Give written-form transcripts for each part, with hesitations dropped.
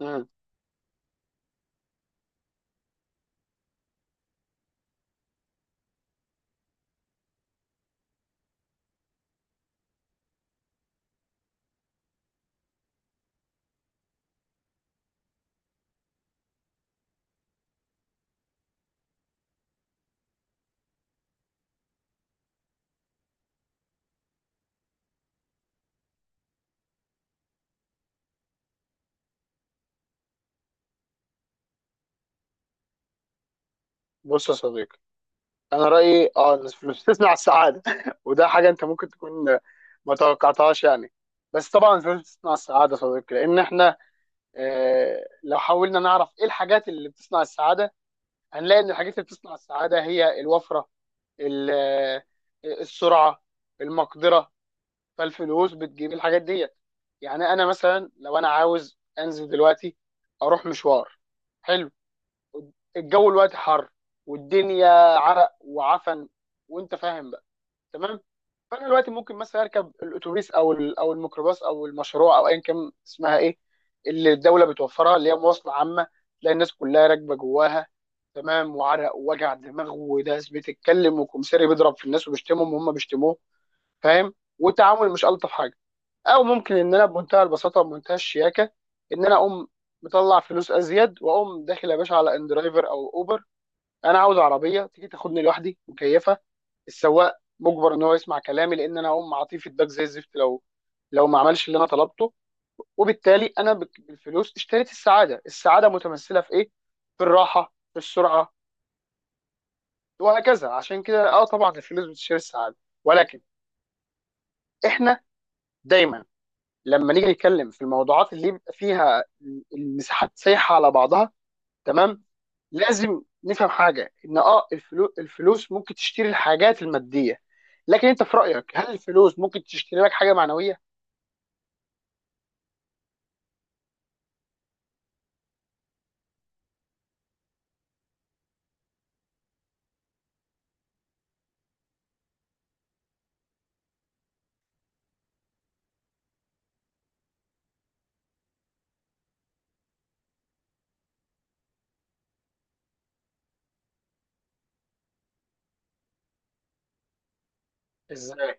مم. بص يا صديقي، انا رايي إن الفلوس تصنع السعاده. وده حاجه انت ممكن تكون ما توقعتهاش يعني. بس طبعا الفلوس بتصنع السعاده يا صديقي، لان احنا لو حاولنا نعرف ايه الحاجات اللي بتصنع السعاده، هنلاقي ان الحاجات اللي بتصنع السعاده هي الوفره، ال- آه، السرعه، المقدره. فالفلوس بتجيب الحاجات دي. يعني انا مثلا لو انا عاوز انزل دلوقتي اروح مشوار حلو، الجو الوقت حر والدنيا عرق وعفن وانت فاهم بقى، تمام. فانا دلوقتي ممكن مثلا اركب الاتوبيس او الميكروباص او المشروع او ايا كان اسمها ايه، اللي الدوله بتوفرها، اللي هي مواصله عامه. تلاقي الناس كلها راكبه جواها، تمام، وعرق ووجع دماغ وناس بتتكلم وكمساري بيضرب في الناس وبيشتمهم وهم بيشتموه، فاهم، والتعامل مش الطف حاجه. او ممكن ان انا بمنتهى البساطه وبمنتهى الشياكه ان انا اقوم مطلع فلوس ازيد واقوم داخل يا باشا على ان درايفر او اوبر. انا عاوز عربيه تيجي تاخدني لوحدي مكيفه، السواق مجبر ان هو يسمع كلامي لان انا هقوم اعطيه فيدباك زي الزفت لو ما عملش اللي انا طلبته. وبالتالي بالفلوس اشتريت السعاده. السعاده متمثله في ايه؟ في الراحه، في السرعه، وهكذا. عشان كده طبعا الفلوس بتشتري السعاده. ولكن احنا دايما لما نيجي نتكلم في الموضوعات اللي يبقى فيها المساحات سايحه على بعضها، تمام، لازم نفهم حاجه، ان الفلوس ممكن تشتري الحاجات الماديه، لكن انت في رايك هل الفلوس ممكن تشتري لك حاجه معنويه؟ ازاي.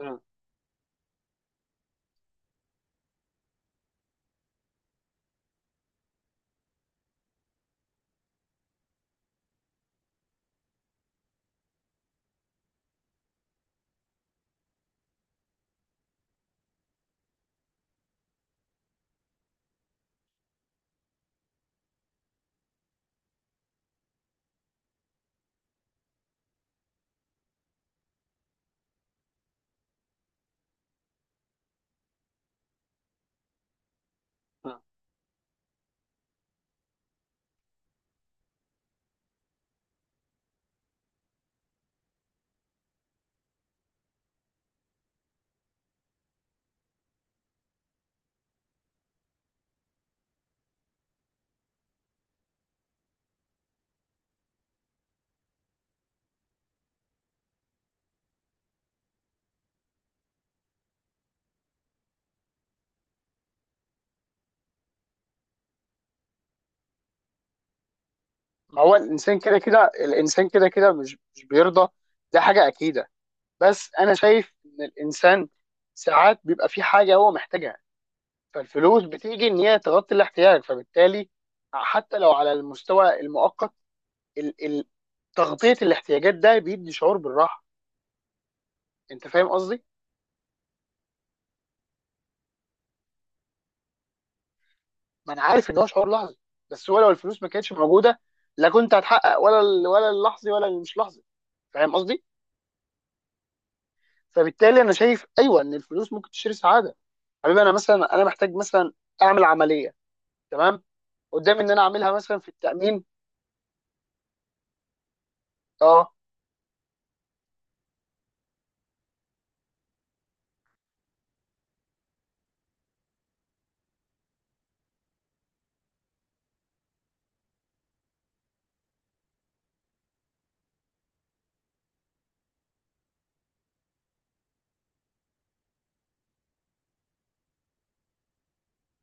مم. مم. ما هو الانسان كده كده، الانسان كده كده مش بيرضى، ده حاجه اكيده. بس انا شايف ان الانسان ساعات بيبقى في حاجه هو محتاجها، فالفلوس بتيجي ان هي تغطي الاحتياج. فبالتالي حتى لو على المستوى المؤقت، ال ال تغطيه الاحتياجات ده بيدي شعور بالراحه. انت فاهم قصدي؟ ما انا عارف ان هو شعور لحظي، بس هو لو الفلوس ما كانتش موجوده لا كنت هتحقق ولا ولا اللحظي ولا المش لحظي. فاهم قصدي؟ فبالتالي انا شايف ايوه ان الفلوس ممكن تشتري سعاده. حبيبي انا مثلا انا محتاج مثلا اعمل عمليه، تمام؟ قدامي ان انا اعملها مثلا في التامين. اه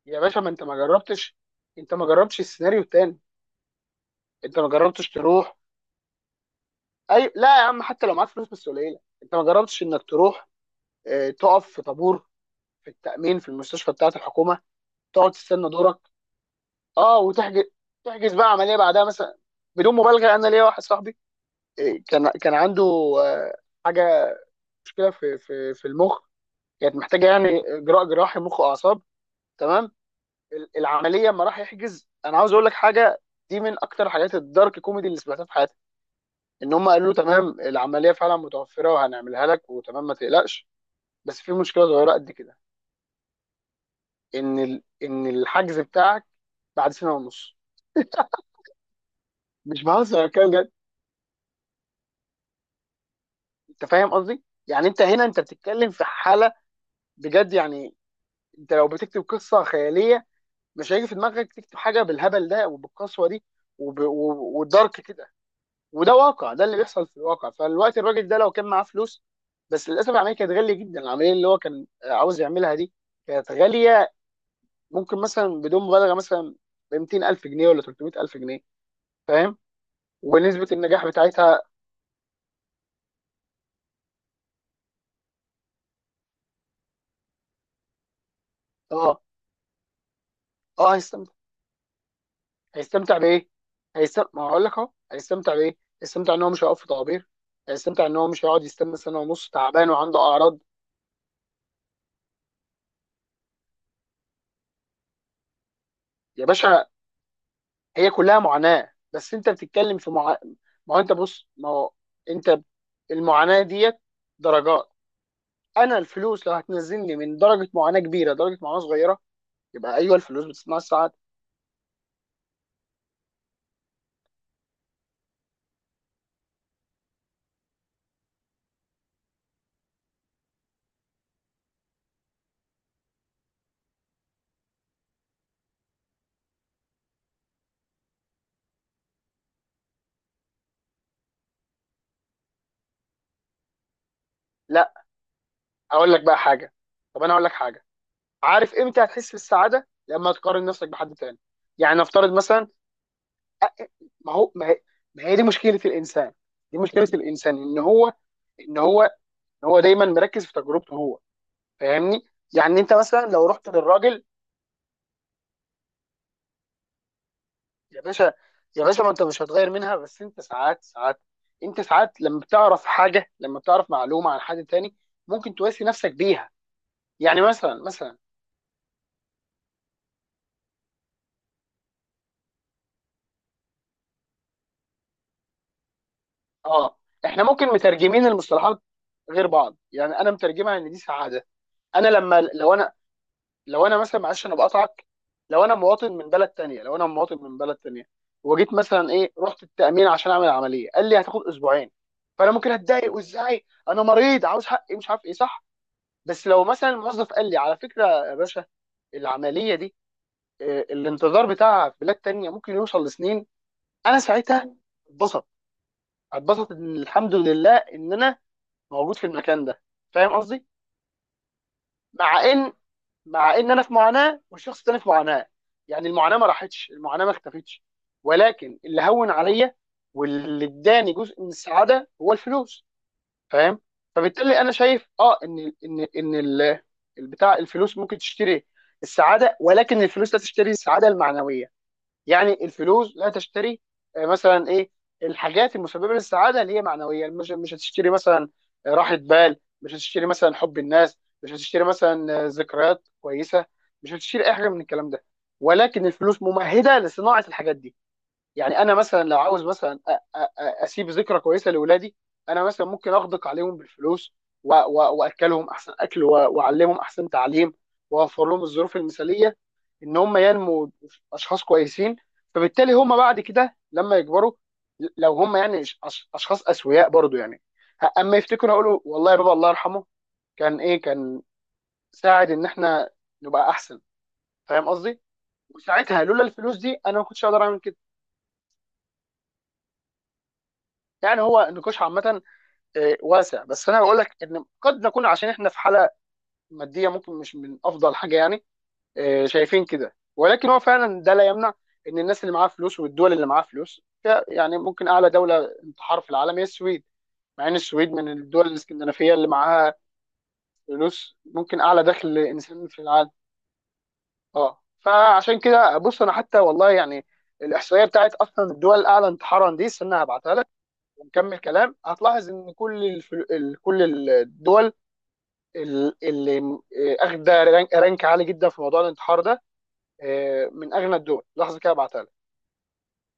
يا باشا، ما انت ما جربتش، انت ما جربتش السيناريو التاني، انت ما جربتش تروح. اي لا يا عم، حتى لو معاك فلوس بس قليله، انت ما جربتش انك تروح تقف في طابور في التامين في المستشفى بتاعه الحكومه، تقعد تستنى دورك، اه وتحجز، تحجز بقى عمليه بعدها مثلا. بدون مبالغه، انا ليا واحد صاحبي، إيه، كان عنده آه، حاجه، مشكله في المخ، كانت محتاجه يعني اجراء جراحي مخ واعصاب، تمام. ال- العمليه لما راح يحجز، انا عاوز اقول لك حاجه دي من اكتر حاجات الدارك كوميدي اللي سمعتها في حياتي. ان هم قالوا له تمام العمليه فعلا متوفره وهنعملها لك وتمام ما تقلقش، بس في مشكله صغيره قد كده، ان ان الحجز بتاعك بعد سنه ونص. مش بهزر، انا بتكلم بجد. انت فاهم قصدي، يعني انت هنا انت بتتكلم في حاله بجد يعني، انت لو بتكتب قصه خياليه مش هيجي في دماغك تكتب حاجه بالهبل ده وبالقسوه دي والدارك كده. وده واقع، ده اللي بيحصل في الواقع. فالوقت الراجل ده لو كان معاه فلوس، بس للاسف العمليه كانت غاليه جدا، العمليه اللي هو كان عاوز يعملها دي كانت غاليه. ممكن مثلا بدون مبالغه مثلا ب 200000 جنيه ولا 300000 جنيه، فاهم، ونسبه النجاح بتاعتها. اه اه، هيستمتع بايه؟ هيستمتع ما هقول لك اهو هيستمتع بايه؟ هيستمتع ان هو مش هيقف في طوابير، هيستمتع ان هو مش هيقعد يستنى سنه ونص تعبان وعنده اعراض. يا باشا، هي كلها معاناه، بس انت بتتكلم في مع... ما هو انت بص، ما هو انت المعاناه ديت درجات. انا الفلوس لو هتنزلني من درجه معاناه كبيره درجه معاناه صغيره، يبقى ايوه الفلوس بتصنع السعاده. لا، اقول لك بقى حاجه، طب انا اقول لك حاجه، عارف امتى هتحس بالسعاده؟ لما تقارن نفسك بحد تاني. يعني نفترض مثلا، ما هو ما هي دي مشكله الانسان، دي مشكله الانسان ان هو ان هو دايما مركز في تجربته هو، فاهمني. يعني انت مثلا لو رحت للراجل. يا باشا، يا باشا، ما انت مش هتغير منها، بس انت ساعات ساعات، انت ساعات لما بتعرف حاجه، لما بتعرف معلومه عن حد تاني ممكن تواسي نفسك بيها. يعني مثلا مثلا، اه احنا ممكن مترجمين المصطلحات غير بعض، يعني انا مترجمها ان دي سعاده. انا لما لو انا مثلا معلش انا بقطعك، لو انا مواطن من بلد تانية، لو انا مواطن من بلد تانية وجيت مثلا ايه رحت التأمين عشان اعمل عملية قال لي هتاخد اسبوعين، فانا ممكن اتضايق وازاي انا مريض عاوز حقي مش عارف ايه صح. بس لو مثلا الموظف قال لي على فكرة يا باشا العملية دي الانتظار بتاعها في بلاد تانية ممكن يوصل لسنين، انا ساعتها اتبسط، اتبسط ان الحمد لله ان انا موجود في المكان ده، فاهم قصدي. مع ان مع ان انا في معاناه والشخص الثاني في معاناه، يعني المعاناه ما راحتش المعاناه ما اختفتش، ولكن اللي هون عليا واللي اداني جزء من السعاده هو الفلوس. فاهم. فبالتالي انا شايف البتاع الفلوس ممكن تشتري السعاده، ولكن الفلوس لا تشتري السعاده المعنويه. يعني الفلوس لا تشتري مثلا ايه، الحاجات المسببه للسعاده اللي هي معنويه مش هتشتري مثلا راحه بال، مش هتشتري مثلا حب الناس، مش هتشتري مثلا ذكريات كويسه، مش هتشتري اي حاجه من الكلام ده. ولكن الفلوس ممهده لصناعه الحاجات دي. يعني انا مثلا لو عاوز مثلا اسيب ذكرى كويسه لاولادي، انا مثلا ممكن اغدق عليهم بالفلوس و- و- واكلهم احسن اكل واعلمهم احسن تعليم، واوفر لهم الظروف المثاليه ان هم ينموا اشخاص كويسين. فبالتالي هم بعد كده لما يكبروا، لو هم يعني اشخاص اسوياء برضو يعني، اما يفتكروا يقولوا والله يا بابا الله يرحمه كان ايه، كان ساعد ان احنا نبقى احسن، فاهم قصدي. وساعتها لولا الفلوس دي انا ما كنتش اقدر اعمل كده. يعني هو النقاش عامه واسع، بس انا بقول لك ان قد نكون عشان احنا في حاله ماديه ممكن مش من افضل حاجه يعني شايفين كده، ولكن هو فعلا ده لا يمنع ان الناس اللي معاها فلوس والدول اللي معاها فلوس يعني ممكن اعلى دوله انتحار في العالم هي السويد، مع ان السويد من الدول الاسكندنافيه اللي معاها فلوس ممكن اعلى دخل انسان في العالم. اه فعشان كده بص، انا حتى والله يعني الاحصائيه بتاعت اصلا الدول الاعلى انتحارا دي استنى هبعتها لك ونكمل كلام. هتلاحظ ان كل الدول اللي اخده رانك عالي جدا في موضوع الانتحار ده، من اغنى الدول، لحظه كده هبعتها لك.